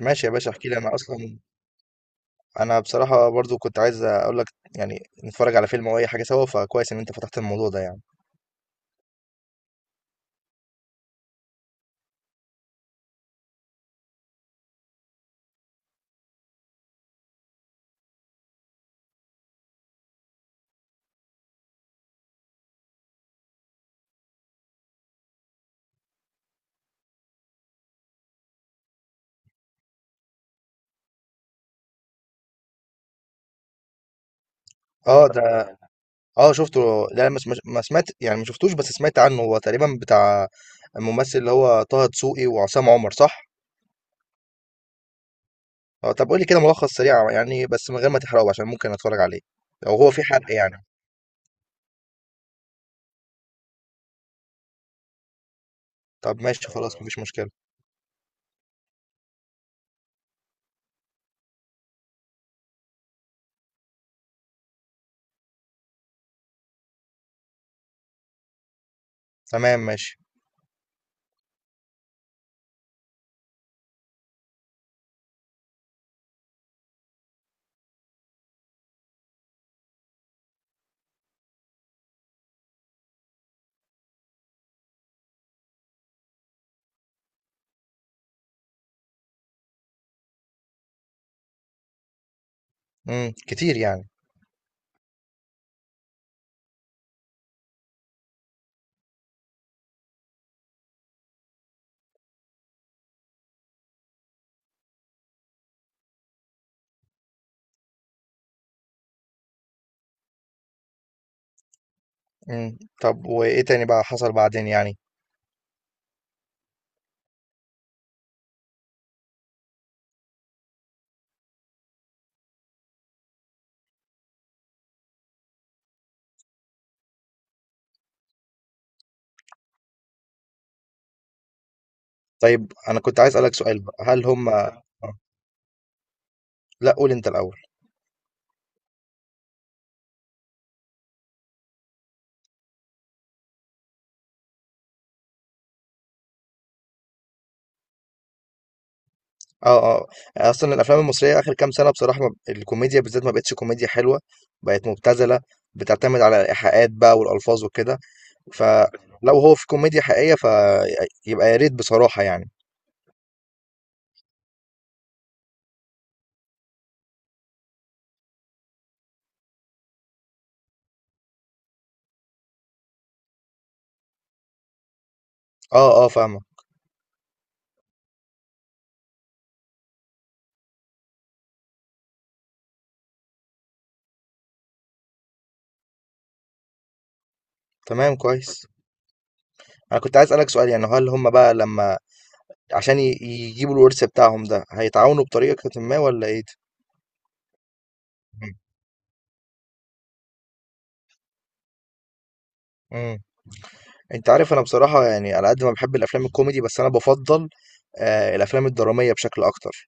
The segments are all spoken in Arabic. ماشي يا باشا، احكي لي انا اصلا. انا بصراحه برضو كنت عايز اقول لك يعني نتفرج على فيلم او اي حاجه سوا، فكويس ان انت فتحت الموضوع ده يعني. اه ده. اه شفته. لا ما سمعت يعني، ما شفتوش بس سمعت عنه. هو تقريبا بتاع الممثل اللي هو طه دسوقي وعصام عمر، صح؟ اه، طب قول لي كده ملخص سريع يعني بس من غير ما تحرقه عشان ممكن اتفرج عليه، لو هو في حرق يعني. طب ماشي خلاص، اه مفيش مشكله. تمام ماشي. امم، كتير يعني. امم، طب وايه تاني بقى حصل بعدين يعني؟ طيب، انا كنت عايز اسالك سؤال بقى، هل هم لأ، قُل أنت الأول. آه، آه. أصلًا الأفلام المصرية آخر كام سَنة بصراحة، ما الكوميديا بالذات ما بقِتش كوميديا حلوة، بقت مُبتذلة، بتعتمد على الإيحاءات بقى والألفاظ وكده. فلو هو في كوميديا حقيقية فيبقى يا ريت بصراحة يعني. آه، آه فاهمك. تمام كويس. أنا كنت عايز أسألك سؤال، يعني هل هم بقى لمّا عشان يجيبوا الورث بتاعهم ده، هيتعاونوا بطريقةٍ ما والّا إيه؟ إمم. إمم. أنت عارف أنا بصراحة يعني، على قد ما باحب الأفلام الكوميدي، بس أنا بافضّل الأفلام الدرامية بشكل أكتر.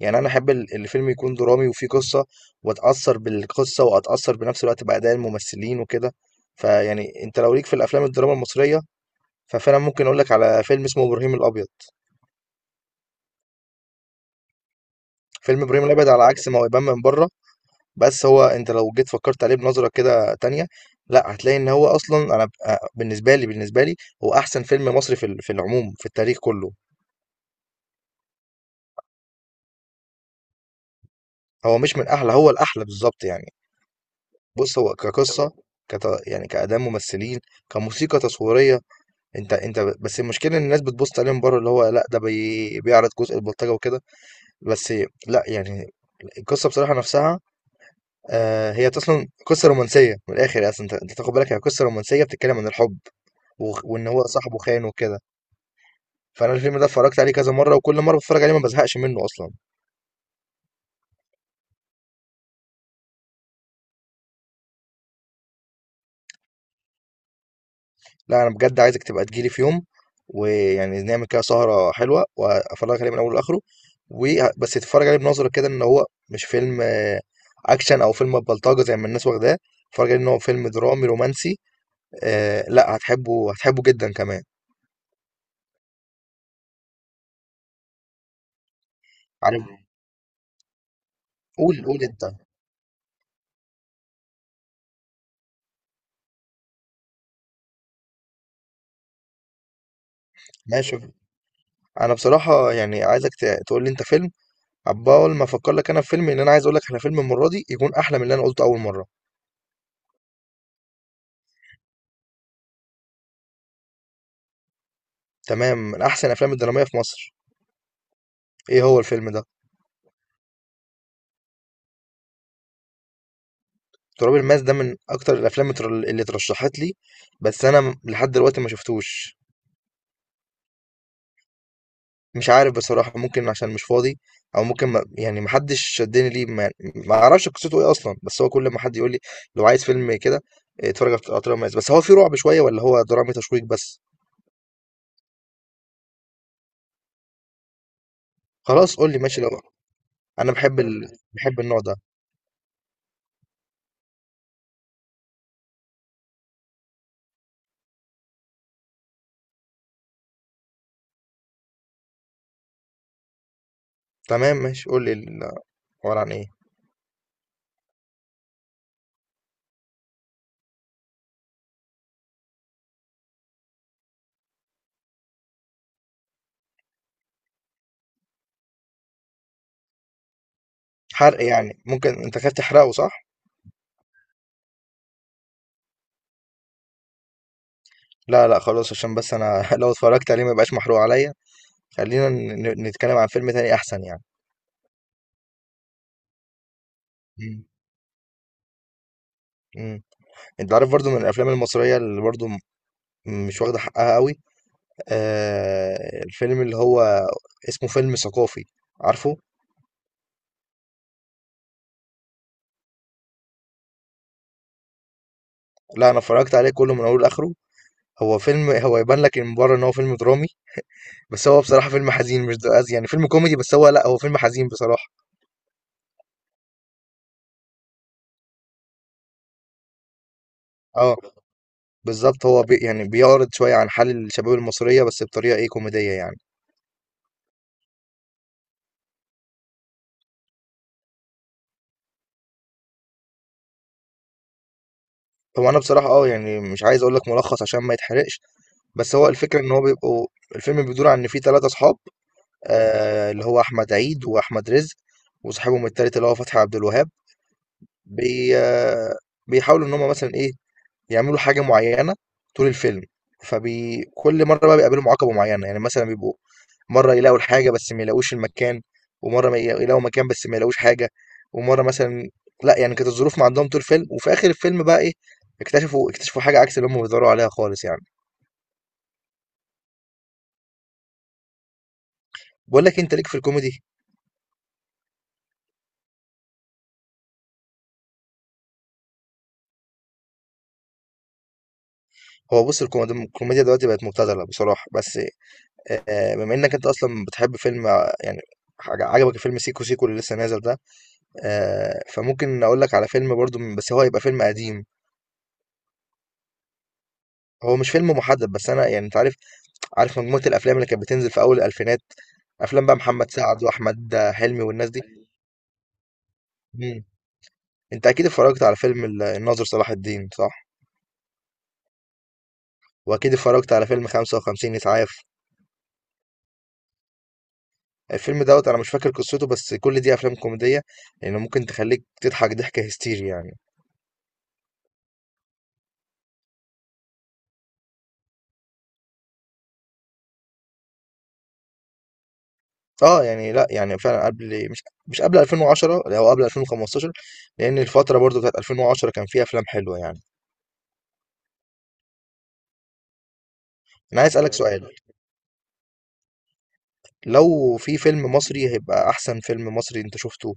يعني أنا أحب الفيلم يكون درامي وفيه قصة، وأتأثّر بالقصة وأتأثّر بنفس الوقت بأداء الممثلين وكده. فيعني أنت لو ليك في الأفلام الدراما المصرية، ففعلًا ممكن أقول لك على فيلم اسمه إبراهيم الأبيض. فيلم إبراهيم الأبيض على عكس ما هو يبان من برّه، بس هو أنت لو جيت فكّرت عليه بنظرة كده تانية، لأ هتلاقي إن هو أصلًا، أنا ب أ بالنسبة لي هو أحسن فيلم مصري في العموم في التاريخ كلّه. هو مش من أحلى، هو الأحلى بالضبط يعني. بُص، هو كقصة، يعني كأداء ممثلين، كموسيقى تصويرية. انت بس المشكله ان الناس بتبص عليهم بره، اللي هو لا ده بيعرض جزء البلطجه وكده، بس لا يعني القصه بصراحه نفسها، آه، هي اصلا قصه رومانسيه من الاخر اصلا. انت تاخد بالك، هي قصه رومانسيه بتتكلم عن الحب، وان هو صاحبه خان وكده. فانا الفيلم ده اتفرجت عليه كذا مره وكل مره بتفرج عليه ما بزهقش منه اصلا. لا انا بجد عايزك تبقى تجيلي في يوم، ويعني نعمل كده سهرة حلوة وافرجك عليه من اوله لاخره. و بس تتفرج عليه بنظرة كده، ان هو مش فيلم اكشن او فيلم بلطجة زي ما الناس واخداه. اتفرج عليه ان هو فيلم درامي رومانسي. آه، لا هتحبه، هتحبه جدا كمان. عارف. قول قول انت. ماشي، انا بصراحة يعني عايزك تقول لي انت فيلم، عبال ما افكر لك انا في فيلم، ان انا عايز اقول لك على فيلم المرة دي يكون احلى من اللي انا قلته اول مرة. تمام، من احسن الافلام الدرامية في مصر. ايه هو الفيلم ده؟ تراب الماس ده من اكتر الافلام اللي اترشحت لي، بس انا لحد دلوقتي ما شفتوش. مش عارف بصراحة، ممكن عشان مش فاضي، او ممكن ما يعني محدش شدني ليه، ما ما اعرفش قصته ايه اصلا، بس هو كل ما حد يقول لي لو عايز فيلم كده اتفرج على تراب الماس. بس هو في رعب شوية ولا هو درامي تشويق بس؟ خلاص، قول لي. ماشي لو. انا بحب بحب النوع ده. تمام ماشي، قول لي عبارة عن ايه؟ حرق يعني؟ ممكن انت خايف تحرقه، صح؟ لا لا، خلاص عشان بس انا لو اتفرجت عليه ما يبقاش محروق عليا. خلينا نتكلم عن فيلم تاني احسن يعني. مم. امم. انت عارف برضو من الافلام المصريه اللي برضو مش واخده حقها قوي، آه، الفيلم اللي هو اسمه فيلم ثقافي، عارفه؟ لا انا اتفرجت عليه كله من اوله لاخره. هو يبان لك من بره ان هو فيلم درامي، بس هو بصراحه فيلم حزين، مش ده قصدي، يعني فيلم كوميدي بس هو، لا هو فيلم حزين بصراحه. اه بالظبط، هو يعني بيعرض شويه عن حال الشباب المصريه بس بطريقه ايه كوميديه يعني. هو انا بصراحه يعني مش عايز اقول لك ملخص عشان ما يتحرقش، بس هو الفكرة ان هو بيبقوا، الفيلم بيدور عن ان في ثلاثة اصحاب، اللي هو احمد عيد واحمد رزق، وصاحبهم التالت اللي هو فتحي عبد الوهاب. بي آه بيحاولوا ان هم مثلا ايه، يعملوا حاجة معينة طول الفيلم. كل مرة بقى بيقابلهم عقبة معينة، يعني مثلا بيبقوا مرة يلاقوا الحاجة بس ما يلاقوش المكان، ومرة ما يلاقوا يلاقوا مكان بس ما يلاقوش حاجة، ومرة مثلا لا يعني كانت الظروف ما عندهم طول الفيلم. وفي اخر الفيلم بقى ايه، اكتشفوا اكتشفوا حاجة عكس اللي هم بيدوروا عليها خالص يعني. بقول لك إيه، انت ليك في الكوميدي. هو بُص، الكوميديا دلوقتي بقت مبتذلة بصراحة، بس بما إنّك أنت أصلًا بتحب فيلم يعني حاج عجبك فيلم سيكو سيكو اللي لسه نازل ده، فممكن أقول لك على فيلم برضه بس هو هيبقى فيلم قديم. هو مش فيلم محدد، بس أنا يعني أنت عارف مجموعة الأفلام اللي كانت بتنزل في أول الألفينات، أفلام بقى محمد سعد وأحمد حلمي والناس دي. إمم. أنت أكيد اتفرّجت على فيلم الناظر صلاح الدين، صح؟ وأكيد اتفرّجت على فيلم 55 إسعاف. الفيلم دوت انا مش فاكر قصته، بس كل دي افلام كوميديه يعني، ممكن تخليك تضحك ضحكه هستيري يعني. اه يعني، لا يعني فعلا قبل، مش قبل 2010 او قبل 2015، لان الفتره برضو بتاعت 2010 كان فيها افلام حلوه يعني. انا عايز اسالك سؤال. لو في فيلم مصري هيبقى احسن فيلم مصري انت شفته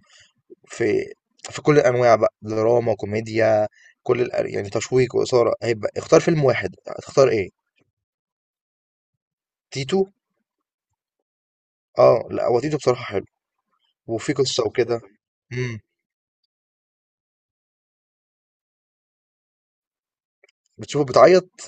في في كل الانواع بقى، دراما، كوميديا، يعني تشويق واثاره، هيبقى اختار فيلم واحد هتختار ايه؟ تيتو. اه لا هو تيتو بصراحه حلو، وفي قصه وكده. امم. بتشوفه بتعيط؟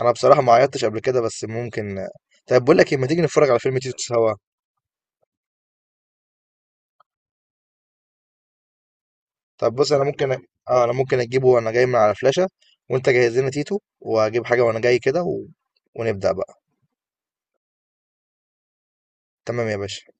انا بصراحه ما عيطتش قبل كده بس ممكن. طيب، بقول لك ايه، ما تيجي نتفرج على فيلم تيتو سوا. طب بص، انا ممكن اه، انا ممكن اجيبه وانا جاي من على فلاشه، وانت جهز لنا تيتو واجيب حاجه وانا جاي كده و... ونبدا بقى. تمام يا باشا.